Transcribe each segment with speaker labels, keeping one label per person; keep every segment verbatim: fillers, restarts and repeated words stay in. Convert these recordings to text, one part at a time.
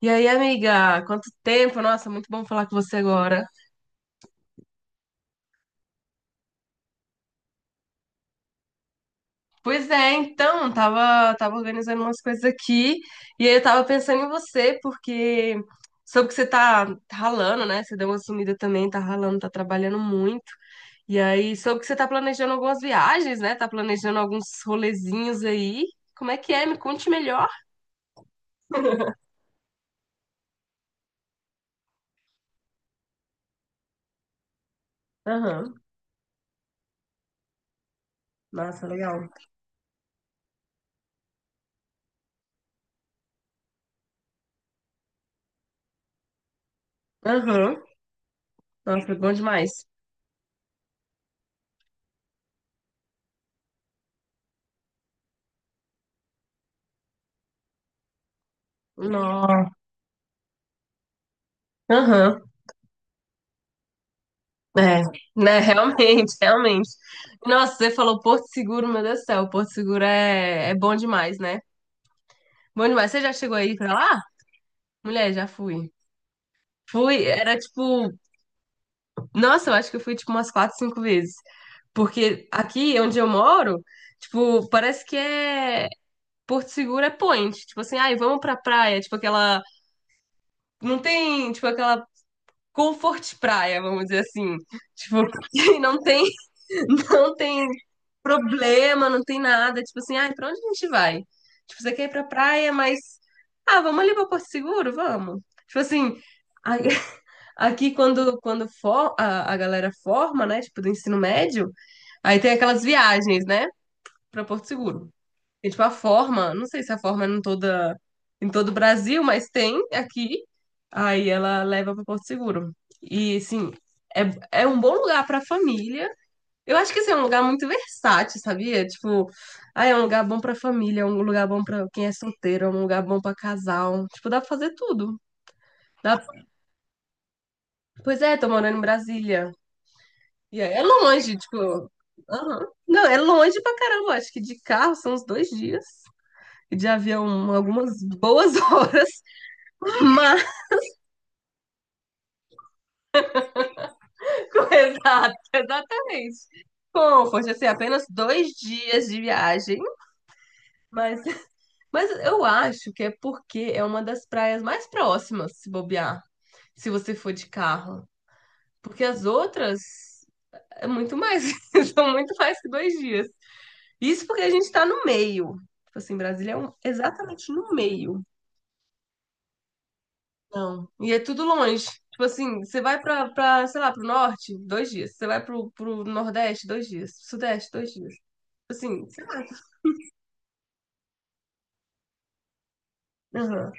Speaker 1: E aí, amiga, quanto tempo? Nossa, muito bom falar com você agora. Pois é, então, tava, tava organizando umas coisas aqui e aí eu tava pensando em você, porque soube que você tá ralando, né? Você deu uma sumida também, tá ralando, tá trabalhando muito. E aí, soube que você tá planejando algumas viagens, né? Tá planejando alguns rolezinhos aí. Como é que é? Me conte melhor. Aham. Nossa, legal. Aham. Nossa, bom demais. Nossa. Aham. É, né, realmente, realmente. Nossa, você falou Porto Seguro, meu Deus do céu, Porto Seguro é, é bom demais, né? Bom demais. Você já chegou aí pra lá? Mulher, já fui. Fui, era tipo, nossa, eu acho que eu fui tipo umas quatro, cinco vezes. Porque aqui onde eu moro, tipo, parece que é Porto Seguro é point. Tipo assim, ai, vamos pra praia, tipo aquela, não tem, tipo aquela comfort praia, vamos dizer assim. Tipo, que não tem. Não tem problema, não tem nada. Tipo assim, ai, pra onde a gente vai? Tipo, você quer ir pra praia, mas. Ah, vamos ali pra Porto Seguro? Vamos. Tipo assim, a- aqui quando, quando for, a, a galera forma, né? Tipo, do ensino médio, aí tem aquelas viagens, né? Pra Porto Seguro. E, tipo, a forma, não sei se a forma é em toda, em todo o Brasil, mas tem aqui. Aí ela leva pra Porto Seguro. E, assim, é, é um bom lugar pra família, eu acho que assim, é um lugar muito versátil, sabia? Tipo, ah, é um lugar bom pra família, é um lugar bom pra quem é solteiro, é um lugar bom pra casal. Tipo, dá pra fazer tudo. Dá... Pois é, tô morando em Brasília. E é é longe, tipo. Aham. Não, é longe pra caramba. Acho que de carro são uns dois dias. E de avião, algumas boas horas. Mas, exato, exatamente. Comfort, assim, apenas dois dias de viagem. Mas. Mas eu acho que é porque é uma das praias mais próximas, se bobear, se você for de carro. Porque as outras é muito mais, são muito mais que dois dias. Isso porque a gente tá no meio. Tipo assim, Brasília é um- exatamente no meio. Não. E é tudo longe. Tipo assim, você vai pra, pra, sei lá, pro norte, dois dias. Você vai pro, pro nordeste, dois dias. Sudeste, dois dias. Tipo. Assim, sei lá. Aham.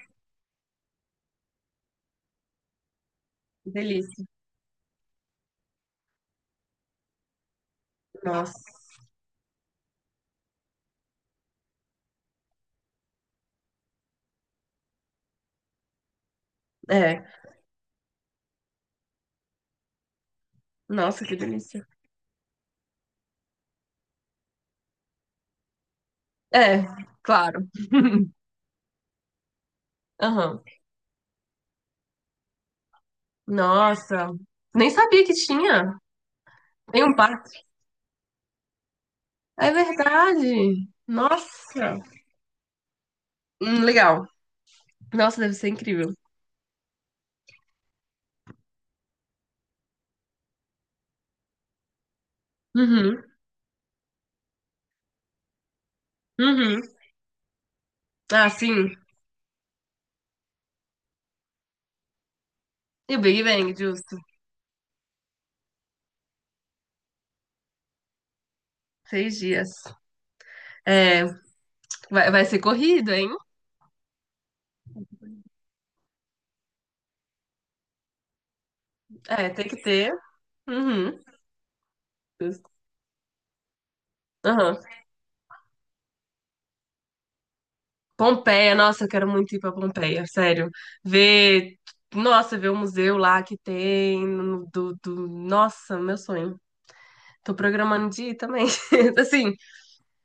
Speaker 1: Delícia. Nossa. É. Nossa, que delícia. É, claro. Aham. Nossa, nem sabia que tinha. Tem um parque. É verdade. Nossa. Hum, legal. Nossa, deve ser incrível. Uhum, uhum. Ah, sim. E o Big Bang, justo. Seis dias. É, vai, vai ser corrido, hein? É, tem que ter. Uhum, justo. Aham. Pompeia, nossa, eu quero muito ir pra Pompeia, sério. Ver, nossa, ver o museu lá que tem, no- do, do, nossa, meu sonho. Tô programando de ir também. Assim,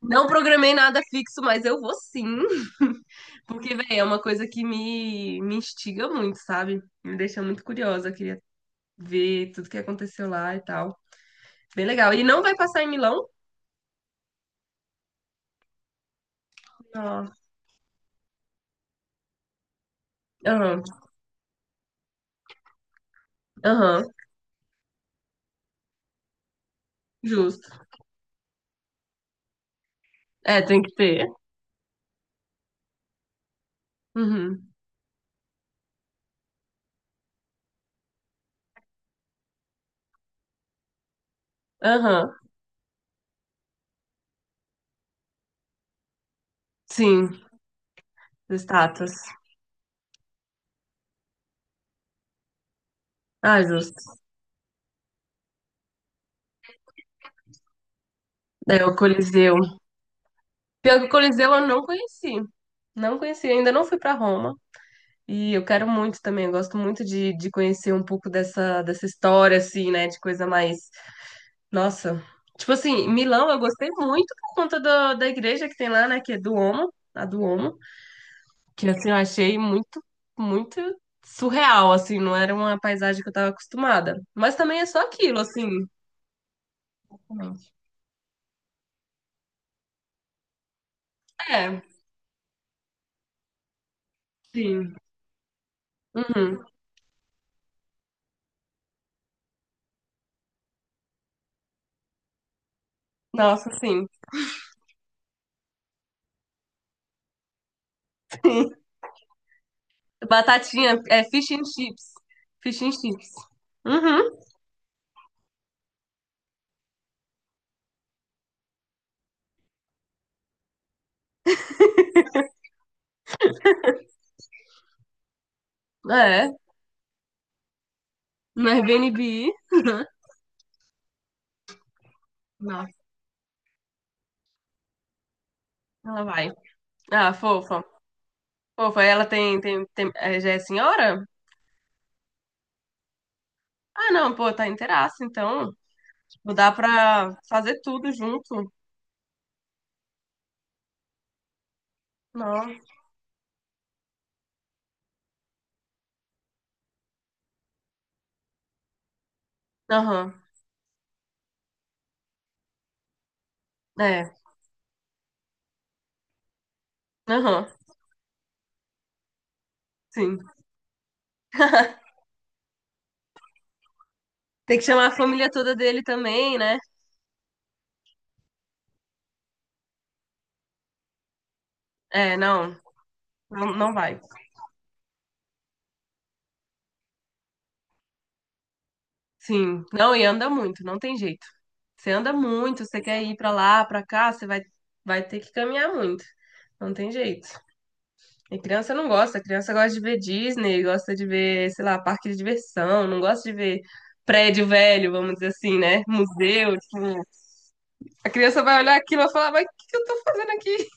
Speaker 1: não programei nada fixo, mas eu vou sim. Porque, velho, é uma coisa que me, me instiga muito, sabe? Me deixa muito curiosa. Eu queria ver tudo que aconteceu lá e tal. Bem legal. E não vai passar em Milão? Não. Aham, aham, justo. É, tem que ter. Uhum. Aham, sim, estátuas. Ah, justo. É, o Coliseu. Pior que o Coliseu eu não conheci. Não conheci, ainda não fui pra Roma. E eu quero muito também, eu gosto muito de, de conhecer um pouco dessa, dessa história, assim, né? De coisa mais. Nossa. Tipo assim, Milão eu gostei muito por conta do da igreja que tem lá, né? Que é do Duomo, a Duomo. Que assim, eu achei muito, muito surreal, assim, não era uma paisagem que eu tava acostumada. Mas também é só aquilo, assim. Exatamente. É, sim. Uhum. Nossa, sim. Batatinha, é fish and chips. Fish and chips. Uhum. É. No Airbnb. Ela vai. Ah, fofa. Fofa, ela tem, tem, tem- é, já é senhora? Ah, não, pô, tá inteiraça, então. Tipo, dá pra fazer tudo junto. Não. Aham. É. Aham. Sim. Tem que chamar a família toda dele também, né? É, não. Não, não vai. Sim. Não, e anda muito, não tem jeito. Você anda muito, você quer ir pra lá, pra cá, você vai, vai ter que caminhar muito. Não tem jeito. E criança não gosta, criança gosta de ver Disney, gosta de ver, sei lá, parque de diversão, não gosta de ver prédio velho, vamos dizer assim, né? Museu, tipo, a criança vai olhar aquilo e vai falar, mas o que que eu tô fazendo aqui?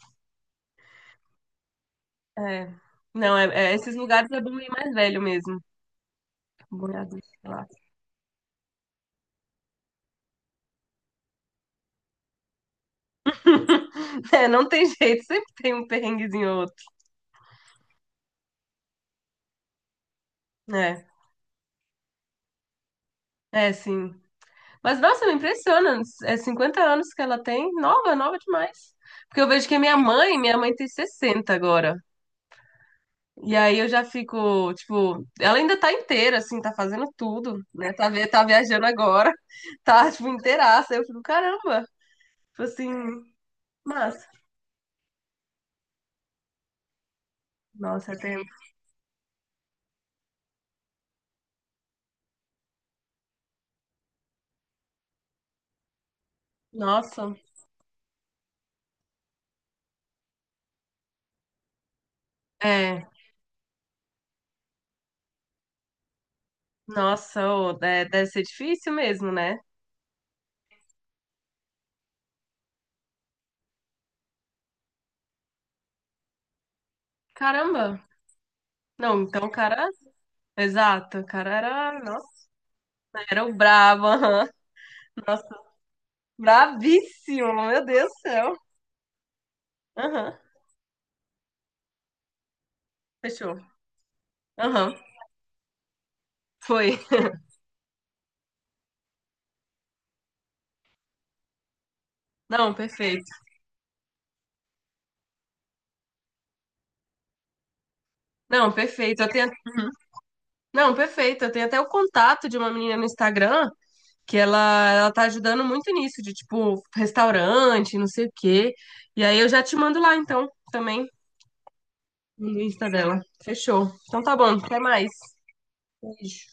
Speaker 1: É, não, é, é, esses lugares é bom ir mais velho mesmo, bom ir adulto, sei lá. É, não tem jeito, sempre tem um perrenguezinho ou outro. É. É, sim. Mas, nossa, me impressiona, é cinquenta anos que ela tem, nova, nova demais. Porque eu vejo que a minha mãe, minha mãe tem sessenta agora. E aí eu já fico, tipo, ela ainda tá inteira, assim, tá fazendo tudo, né? Tá, vi- tá viajando agora, tá, tipo, inteiraça. Eu fico, caramba, tipo assim, massa. Nossa, tem... Nossa, é, nossa, ô, de- deve ser difícil mesmo, né? Caramba. Não, então o cara, exato, o cara era, nossa, era o brabo, aham. Nossa, bravíssimo, meu Deus do céu. Aham, fechou. Aham, foi. Não, perfeito. Não, perfeito. Eu tenho. Hum. Não, perfeito. Eu tenho até o contato de uma menina no Instagram que ela, ela tá ajudando muito nisso, de tipo, restaurante, não sei o quê. E aí eu já te mando lá, então, também, no Insta dela. Fechou. Então tá bom, até mais. Beijo.